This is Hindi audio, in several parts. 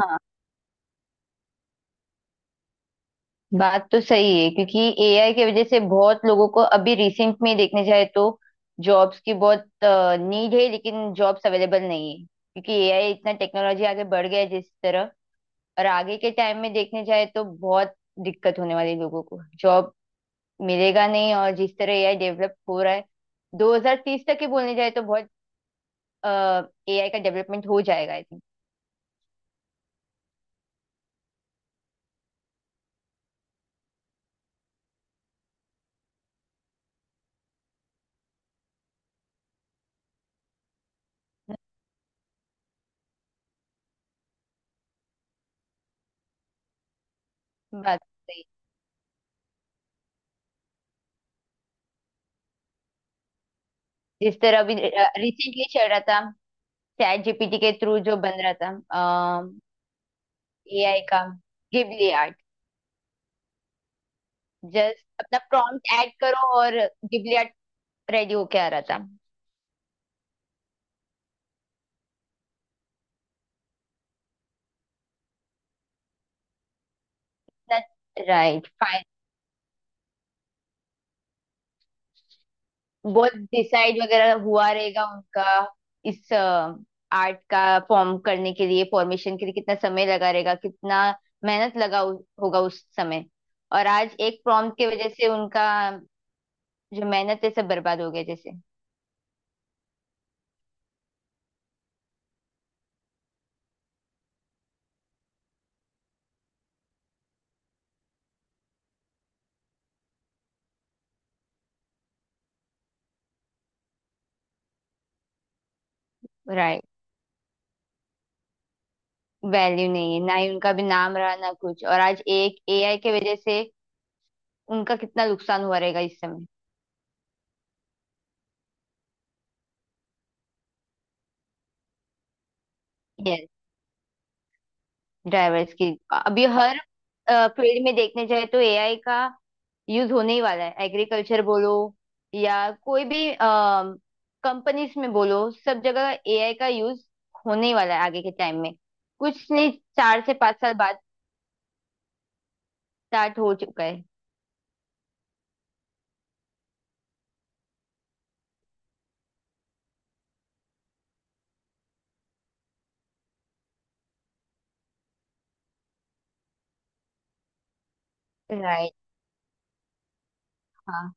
हाँ। बात तो सही है, क्योंकि एआई की वजह से बहुत लोगों को अभी रिसेंट में देखने जाए तो जॉब्स की बहुत नीड है, लेकिन जॉब्स अवेलेबल नहीं है क्योंकि एआई इतना टेक्नोलॉजी आगे बढ़ गया है। जिस तरह और आगे के टाइम में देखने जाए तो बहुत दिक्कत होने वाली है, लोगों को जॉब मिलेगा नहीं। और जिस तरह एआई डेवलप हो रहा है, 2030 तक ही बोलने जाए तो बहुत एआई का डेवलपमेंट हो जाएगा, आई थिंक। बात तो सही। जिस तरह अभी रिसेंटली चल रहा था चैट जीपीटी के थ्रू जो बन रहा था एआई का, गिबली आर्ट। जस्ट अपना प्रॉम्प्ट ऐड करो और गिबली आर्ट रेडी होके आ रहा था। Right, fine. बहुत डिसाइड वगैरह हुआ रहेगा उनका। इस आर्ट का फॉर्म करने के लिए, फॉर्मेशन के लिए कितना समय लगा रहेगा, कितना मेहनत लगा होगा उस समय। और आज एक प्रॉम्प्ट की वजह से उनका जो मेहनत है सब बर्बाद हो गया जैसे। राइट। वैल्यू नहीं है, ना ही उनका भी नाम रहा ना कुछ, और आज एक एआई के वजह से उनका कितना नुकसान हुआ रहेगा इस समय। यस। ड्राइवर्स की। अभी हर फील्ड में देखने जाए तो एआई का यूज होने ही वाला है। एग्रीकल्चर बोलो या कोई भी कंपनीज में बोलो, सब जगह एआई का यूज होने ही वाला है आगे के टाइम में। कुछ नहीं, 4 से 5 साल बाद स्टार्ट हो चुका है। राइट। हाँ।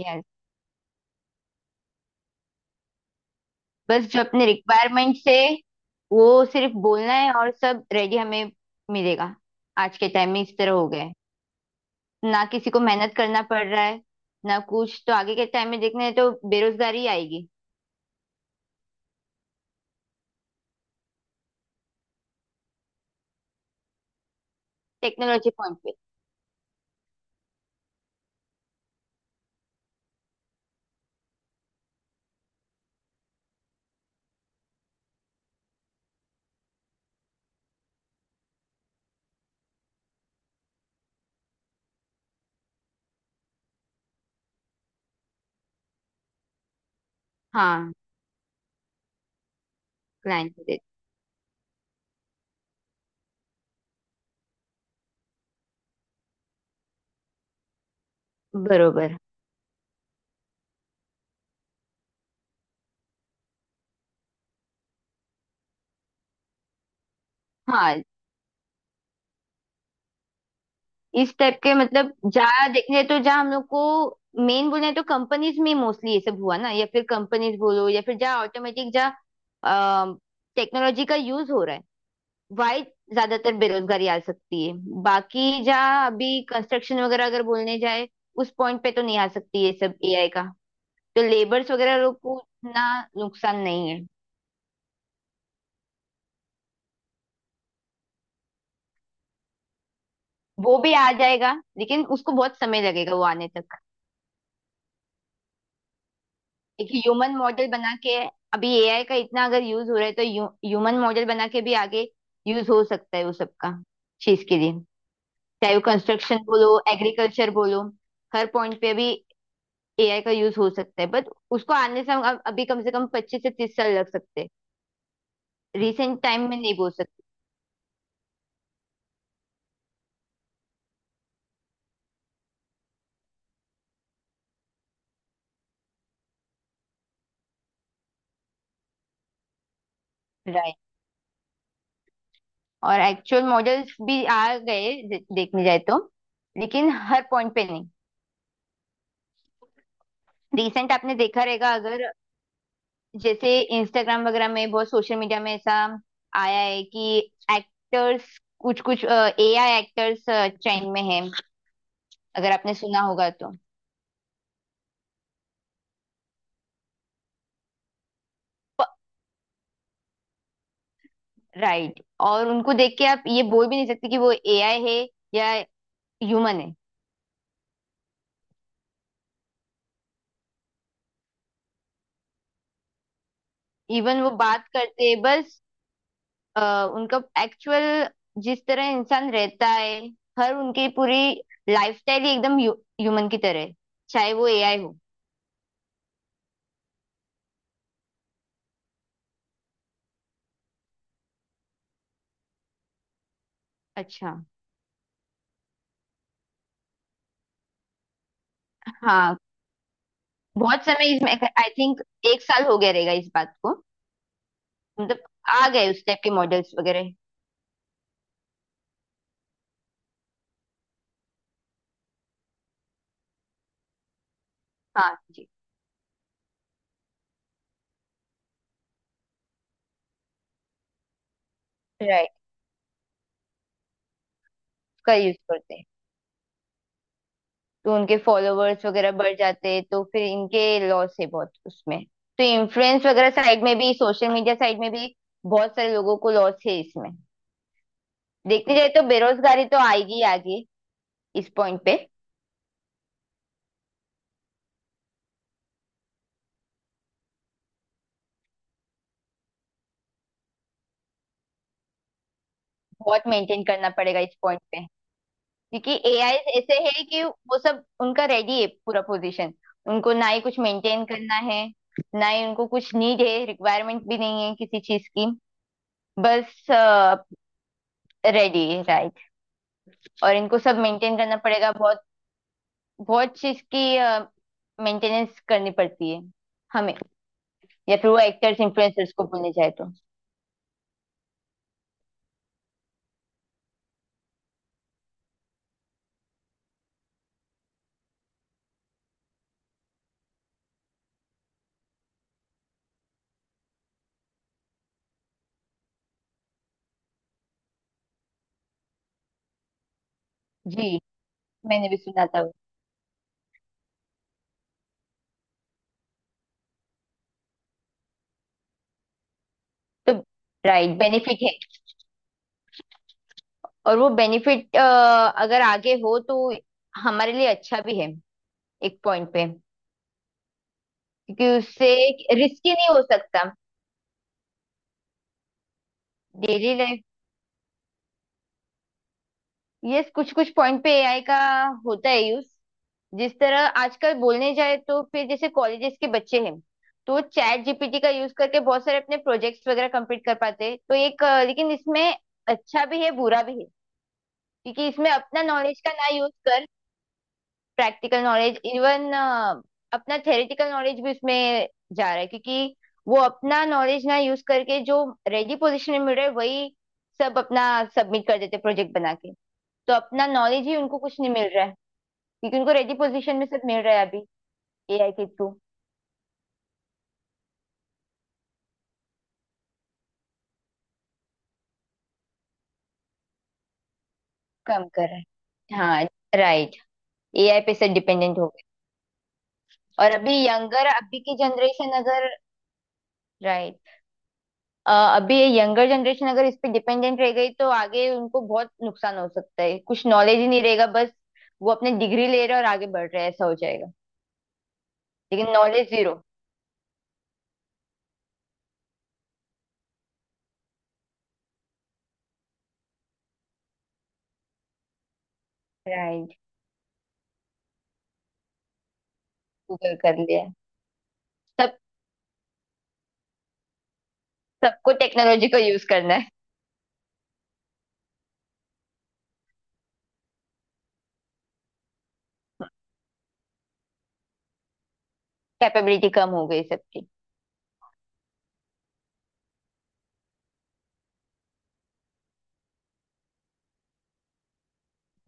यस। बस जो अपने रिक्वायरमेंट से वो सिर्फ बोलना है और सब रेडी हमें मिलेगा। आज के टाइम में इस तरह हो गया है, ना किसी को मेहनत करना पड़ रहा है ना कुछ, तो आगे के टाइम में देखना है तो बेरोजगारी आएगी। टेक्नोलॉजी पॉइंट पे। हाँ। क्लाइंट पे बरोबर। हाँ, इस टाइप के, मतलब जहाँ देखने तो, जहाँ हम लोग को मेन बोलना है तो कंपनीज में मोस्टली ये सब हुआ ना, या फिर कंपनीज बोलो, या फिर जहाँ ऑटोमेटिक, जहाँ टेक्नोलॉजी का यूज हो रहा है, वाई ज्यादातर बेरोजगारी आ सकती है। बाकी जहाँ अभी कंस्ट्रक्शन वगैरह अगर बोलने जाए, उस पॉइंट पे तो नहीं आ सकती ये सब एआई का। तो लेबर्स वगैरह लोग को इतना नुकसान नहीं है। वो भी आ जाएगा, लेकिन उसको बहुत समय लगेगा वो आने तक। एक ह्यूमन मॉडल बना के, अभी एआई का इतना अगर यूज हो रहा है तो ह्यूमन मॉडल बना के भी आगे यूज हो सकता है, वो सबका चीज के लिए। चाहे वो कंस्ट्रक्शन बोलो, एग्रीकल्चर बोलो, हर पॉइंट पे अभी एआई का यूज हो सकता है, बट उसको आने से हम अभी कम से कम 25 से 30 साल लग सकते हैं। रिसेंट टाइम में नहीं बोल सकते। राइट। और एक्चुअल मॉडल्स भी आ गए, देखने जाए तो। लेकिन हर पॉइंट पे नहीं। रिसेंट आपने देखा रहेगा अगर, जैसे इंस्टाग्राम वगैरह में, बहुत सोशल मीडिया में ऐसा आया है कि एक्टर्स, कुछ कुछ एआई एक्टर्स ट्रेंड में है, अगर आपने सुना होगा तो। राइट। और उनको देख के आप ये बोल भी नहीं सकते कि वो एआई है या ह्यूमन है। इवन वो बात करते हैं बस, उनका एक्चुअल जिस तरह इंसान रहता है, हर उनकी पूरी लाइफस्टाइल ही एकदम ह्यूमन की तरह है, चाहे वो एआई हो। अच्छा। हाँ। बहुत समय इसमें, आई थिंक 1 साल हो गया रहेगा इस बात को, मतलब आ गए उस टाइप के मॉडल्स वगैरह। हाँ जी। राइट। उसका यूज करते हैं, तो उनके फॉलोवर्स वगैरह बढ़ जाते हैं, तो फिर इनके लॉस है बहुत उसमें। तो इन्फ्लुएंस वगैरह साइड में भी, सोशल मीडिया साइड में भी बहुत सारे लोगों को लॉस है इसमें। देखने जाए तो बेरोजगारी तो आएगी ही आगे। इस पॉइंट पे बहुत मेंटेन करना पड़ेगा इस पॉइंट पे। क्योंकि एआई ऐसे है कि वो सब उनका रेडी है, पूरा पोजीशन। उनको ना ही कुछ मेंटेन करना है, ना ही उनको कुछ नीड है, रिक्वायरमेंट भी नहीं है किसी चीज की। बस रेडी है। राइट। और इनको सब मेंटेन करना पड़ेगा, बहुत बहुत चीज की मेंटेनेंस करनी पड़ती है हमें। या फिर वो एक्टर्स इन्फ्लुएंसर्स को बोलने जाए तो। जी। मैंने भी सुना था वो। तो राइट, बेनिफिट है, और वो बेनिफिट अगर आगे हो तो हमारे लिए अच्छा भी है एक पॉइंट पे। क्योंकि उससे रिस्की नहीं हो सकता। Daily life. यस, कुछ कुछ पॉइंट पे एआई का होता है यूज। जिस तरह आजकल बोलने जाए तो, फिर जैसे कॉलेजेस के बच्चे हैं, तो चैट जीपीटी का यूज करके बहुत सारे अपने प्रोजेक्ट्स वगैरह कंप्लीट कर पाते हैं, तो एक लेकिन इसमें अच्छा भी है बुरा भी है। क्योंकि इसमें अपना नॉलेज का ना यूज कर, प्रैक्टिकल नॉलेज, इवन अपना थेरेटिकल नॉलेज भी उसमें जा रहा है, क्योंकि वो अपना नॉलेज ना यूज करके, जो रेडी पोजीशन में मिल रहा है वही सब अपना सबमिट कर देते प्रोजेक्ट बना के। तो अपना नॉलेज ही उनको कुछ नहीं मिल रहा है, क्योंकि उनको रेडी पोजीशन में सब मिल रहा है अभी एआई के थ्रू। कम कर रहा है, हाँ। राइट। एआई पे सब डिपेंडेंट हो गए। और अभी यंगर, अभी की जनरेशन अगर, राइट। अभी ये यंगर जनरेशन अगर इस पे डिपेंडेंट रह गई तो आगे उनको बहुत नुकसान हो सकता है, कुछ नॉलेज ही नहीं रहेगा। बस वो अपने डिग्री ले रहे हैं और आगे बढ़ रहे हैं, ऐसा हो जाएगा। लेकिन नॉलेज जीरो। राइट। गूगल कर लिया सब, सबको टेक्नोलॉजी को यूज करना है। कैपेबिलिटी कम हो गई सबकी।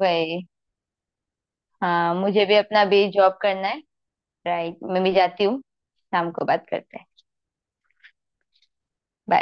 वही। हाँ, मुझे भी अपना भी जॉब करना है। राइट, मैं भी जाती हूँ। शाम को बात करते हैं। Bye।